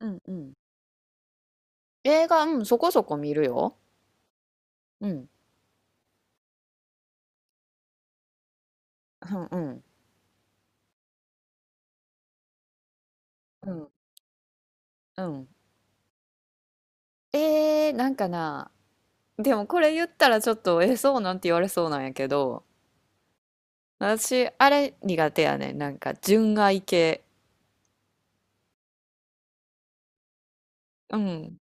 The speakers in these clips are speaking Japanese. うんうん。映画、うん、そこそこ見るよ。うん。うんうん。うん。うん。なんかな、でもこれ言ったらちょっと、え、そうなんて言われそうなんやけど、私、あれ苦手やねん。なんか、純愛系。うん。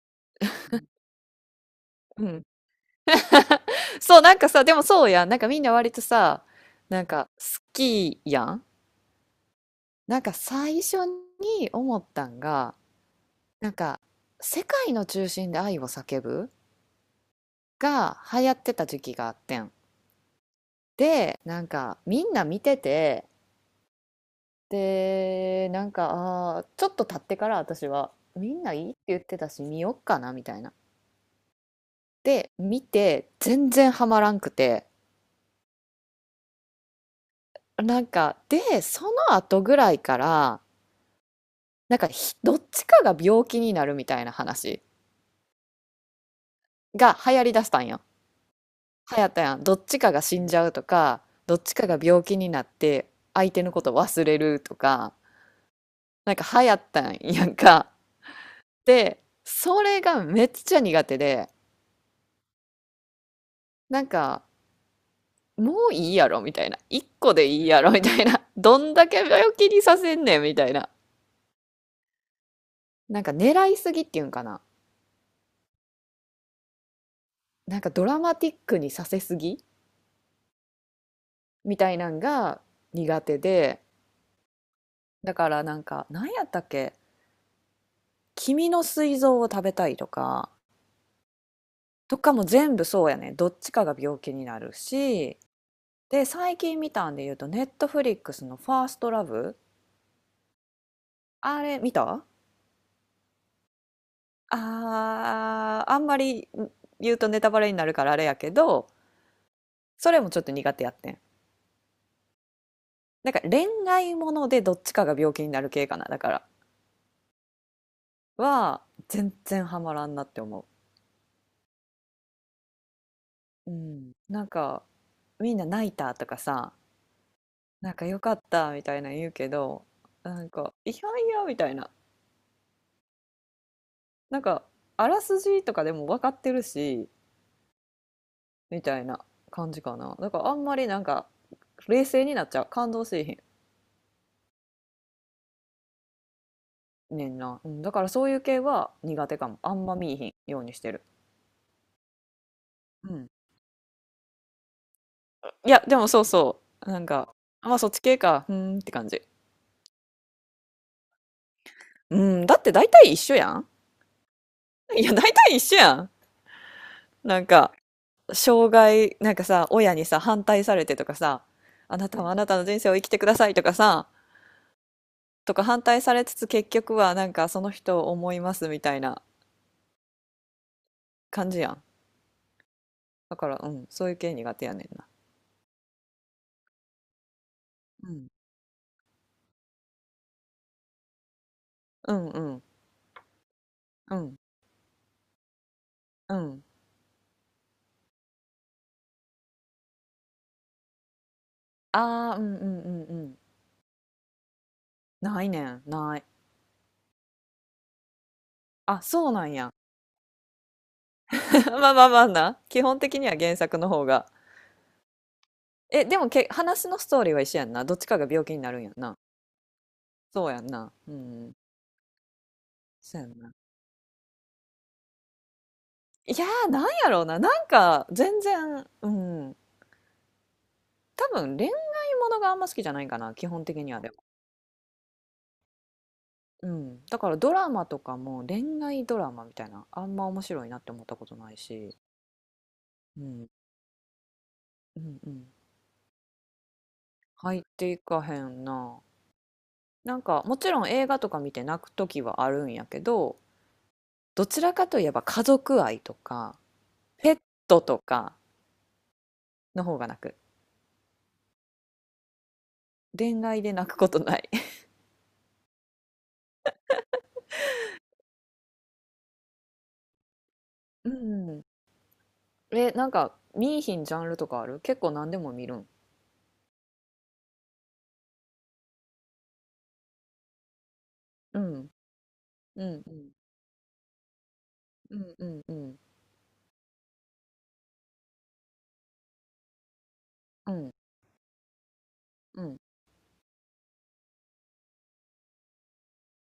うん。そう、なんかさ、でもそうやん。なんかみんな割とさ、なんか、好きやん。なんか最初に思ったんが、なんか、世界の中心で愛を叫ぶが流行ってた時期があってん。で、なんかみんな見てて、で、なんか、ちょっと経ってから私は、みんないいって言ってたし、見よっかな、みたいな。で、見て、全然ハマらんくて、なんか、で、その後ぐらいから、なんかどっちかが病気になるみたいな話が流行りだしたんよ。流行ったやん。どっちかが死んじゃうとか、どっちかが病気になって、相手のこと忘れるとか、なんか流行ったんやんか。で、それがめっちゃ苦手で、なんか、もういいやろみたいな。一個でいいやろみたいな。どんだけ病気にさせんねんみたいな。なんか狙いすぎっていうんかな。なんかドラマティックにさせすぎみたいなんが苦手で、だからなんか、何やったっけ、君の膵臓を食べたいとか、とかも全部そうやね。どっちかが病気になるし、で、最近見たんで言うと、ネットフリックスのファーストラブ、あれ見た？ああ、あんまり言うとネタバレになるからあれやけど、それもちょっと苦手やってん。なんか恋愛ものでどっちかが病気になる系かな、だから。は、全然ハマらんなって思う。うん。なんか、みんな泣いたとかさ、なんかよかったみたいなの言うけど、なんか、いやいやみたいな。なんか、あらすじとかでも分かってるし、みたいな感じかな。だからあんまりなんか、冷静になっちゃう。感動しいひんねんな、うん、だからそういう系は苦手かも、あんま見いひんようにしてる。うん。いやでもそうそう、なんか、あ、まあそっち系か、うーんって感じ。うん、だって大体一緒やん。いや、大体一緒やん。なんか障害なんかさ、親にさ反対されてとかさ、あなたはあなたの人生を生きてくださいとかさ、とか反対されつつ結局はなんかその人を思いますみたいな感じやん。だから、うん、そういう系苦手やねんな。うん、うん、うん、うん。うん、ああ、うん、うん、うん、うん。ないねん、ない。あ、そうなんや。まあまあまあな。基本的には原作の方が。え、でも話のストーリーは一緒やんな。どっちかが病気になるんやんな。そうやんな。うん。そうやんな。いやー、なんやろうな。なんか、全然、うん。多分、恋愛ものがあんま好きじゃないかな。基本的にはでも。うん。だから、ドラマとかも恋愛ドラマみたいな、あんま面白いなって思ったことないし。うん。うんうん。入っていかへんな。なんかもちろん映画とか見て泣く時はあるんやけど、どちらかといえば家族愛とかペットとかの方が泣く。恋愛で泣くことない。 うん。え、なんか見いひんジャンルとかある？結構何でも見るん？うん、うん、うん、うん、うん、うん、うん、うん。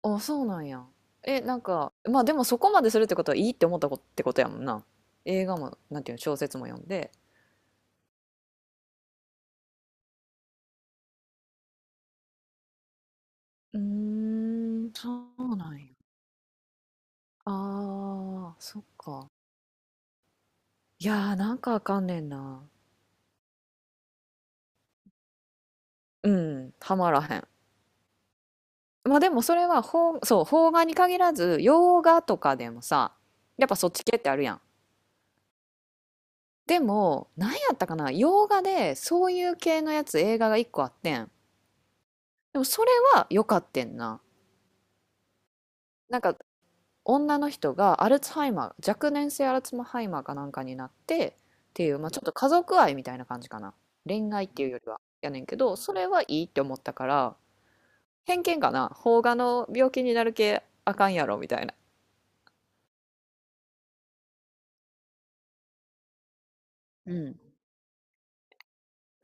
あ、そうなんや。え、なんか、まあ、でもそこまでするってことはいいって思ったことってことやもんな。映画も、なんていうの、小説も読んで。うーん、そうなんや。あー、そっか。いやー、なんかあかんねんな。うん、はまらへん。まあでもそれはそう、邦画に限らず、洋画とかでもさ、やっぱそっち系ってあるやん。でも、なんやったかな、洋画でそういう系のやつ、映画が一個あってん。でもそれは良かってんな。なんか、女の人がアルツハイマー、若年性アルツハイマーかなんかになって、っていう、まあちょっと家族愛みたいな感じかな。恋愛っていうよりは、やねんけど、それはいいって思ったから、偏見かな、邦画の病気になる系あかんやろみたいな。うん。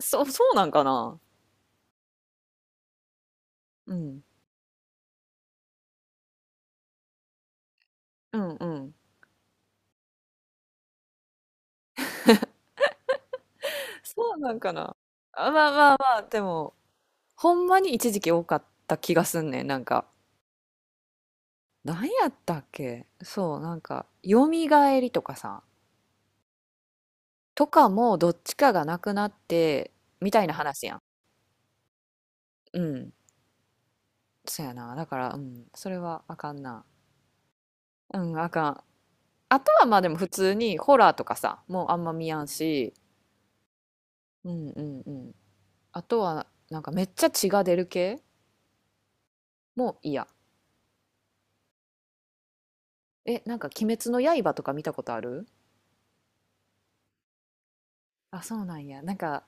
そうなんかな。うん、うん、うん。そうなんかな。あ、まあまあまあ、でもほんまに一時期多かった気がすんねん。なんか、何やったっけ、そう、なんかよみがえりとかさ、とかもどっちかがなくなってみたいな話やん。うん、そうやな、だから、うん、それはあかんな。うん、あかん。あとはまあでも普通にホラーとかさ、もうあんま見やんし。うん、うん、うん。あとは、なんかめっちゃ血が出る系も嫌。え、なんか鬼滅の刃とか見たことある？あ、そうなんや。なんか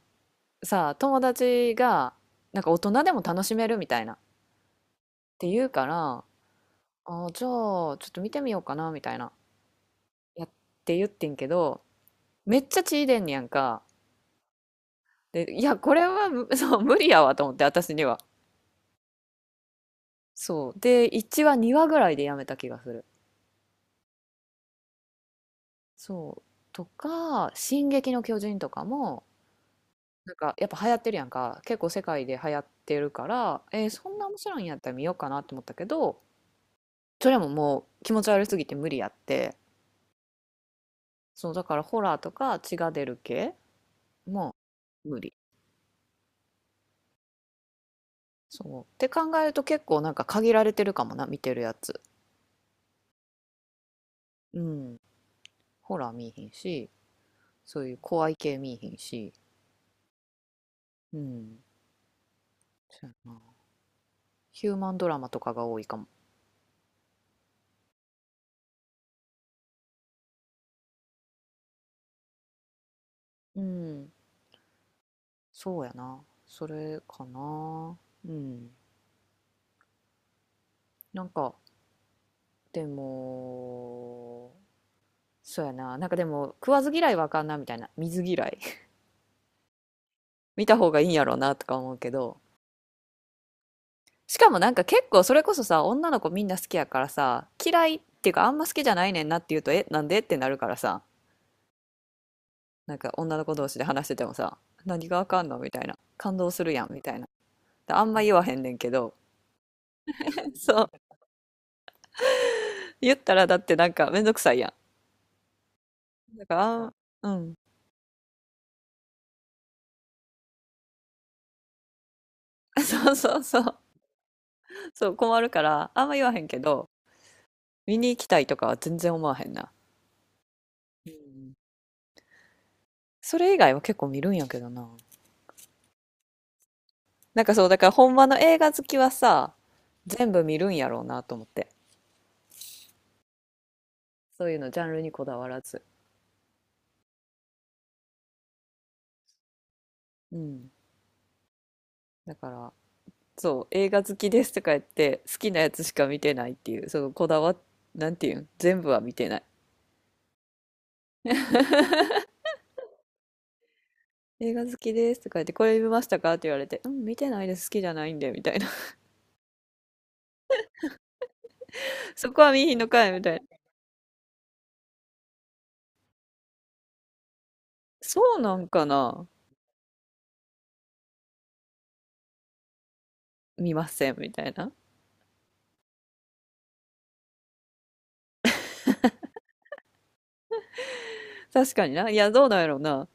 さ、友達が、なんか大人でも楽しめるみたいな。って言うから、あ、じゃあ、ちょっと見てみようかな、みたいな。やって言ってんけど、めっちゃ血出んねやんか。で、いや、これはそう、無理やわと思って、私には。そう。で、1話、2話ぐらいでやめた気がする。そう。とか、進撃の巨人とかも、なんかやっぱ流行ってるやんか。結構世界で流行ってるから、そんな面白いんやったら見ようかなって思ったけど、それももう気持ち悪すぎて無理やって。そうだから、ホラーとか血が出る系もう無理。そうって考えると結構なんか限られてるかもな、見てるやつ。うん、ホラー見いひんし、そういう怖い系見いひんし。うん、そうやな、ヒューマンドラマとかが多いかも。うん、そうやな、それかな。うん、なんか、でも、そうやな。なんかでも、食わず嫌いはあかんな、みたいな。水嫌い 見た方がいいんやろうな、とか思うけど。しかもなんか結構それこそさ、女の子みんな好きやからさ、嫌いっていうかあんま好きじゃないねんなって言うと、え、なんでってなるからさ、なんか女の子同士で話しててもさ、何があかんのみたいな。感動するやん、みたいな。あんま言わへんねんけど。 そう。言ったらだってなんかめんどくさいやん。だから、あんうん そうそうそう。そう、困るから、あんま言わへんけど、見に行きたいとかは全然思わへんな。うん。それ以外は結構見るんやけどな。なんかそう、だからほんまの映画好きはさ、全部見るんやろうなと思って。そういうの、ジャンルにこだわらず。うん。だから、そう、映画好きですとか言って、好きなやつしか見てないっていう、そのこだわ、なんていうん、全部は見てない。映画好きですとか言って、これ見ましたかって言われて、うん、見てないです、好きじゃないんで、みたいな。そこは見ひんのかい、みたいな。そうなんかな、見ません、みたいな。確かにな。いや、どうなんやろうな。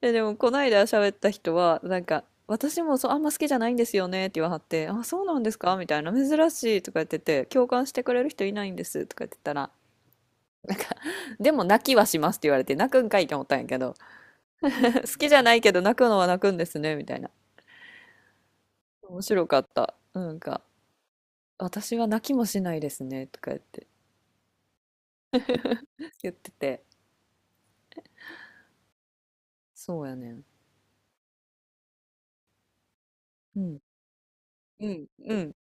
え、でも、こないだ喋った人は、なんか、私もそう、あんま好きじゃないんですよねって言わはって、あ、そうなんですかみたいな、珍しいとか言ってて、共感してくれる人いないんですとか言ってたら、でも泣きはしますって言われて、泣くんかいって思ったんやけど、好きじゃないけど泣くのは泣くんですね、みたいな。面白かった。なんか、私は泣きもしないですねとか言ってて、そうやねん。うん。うん、うん。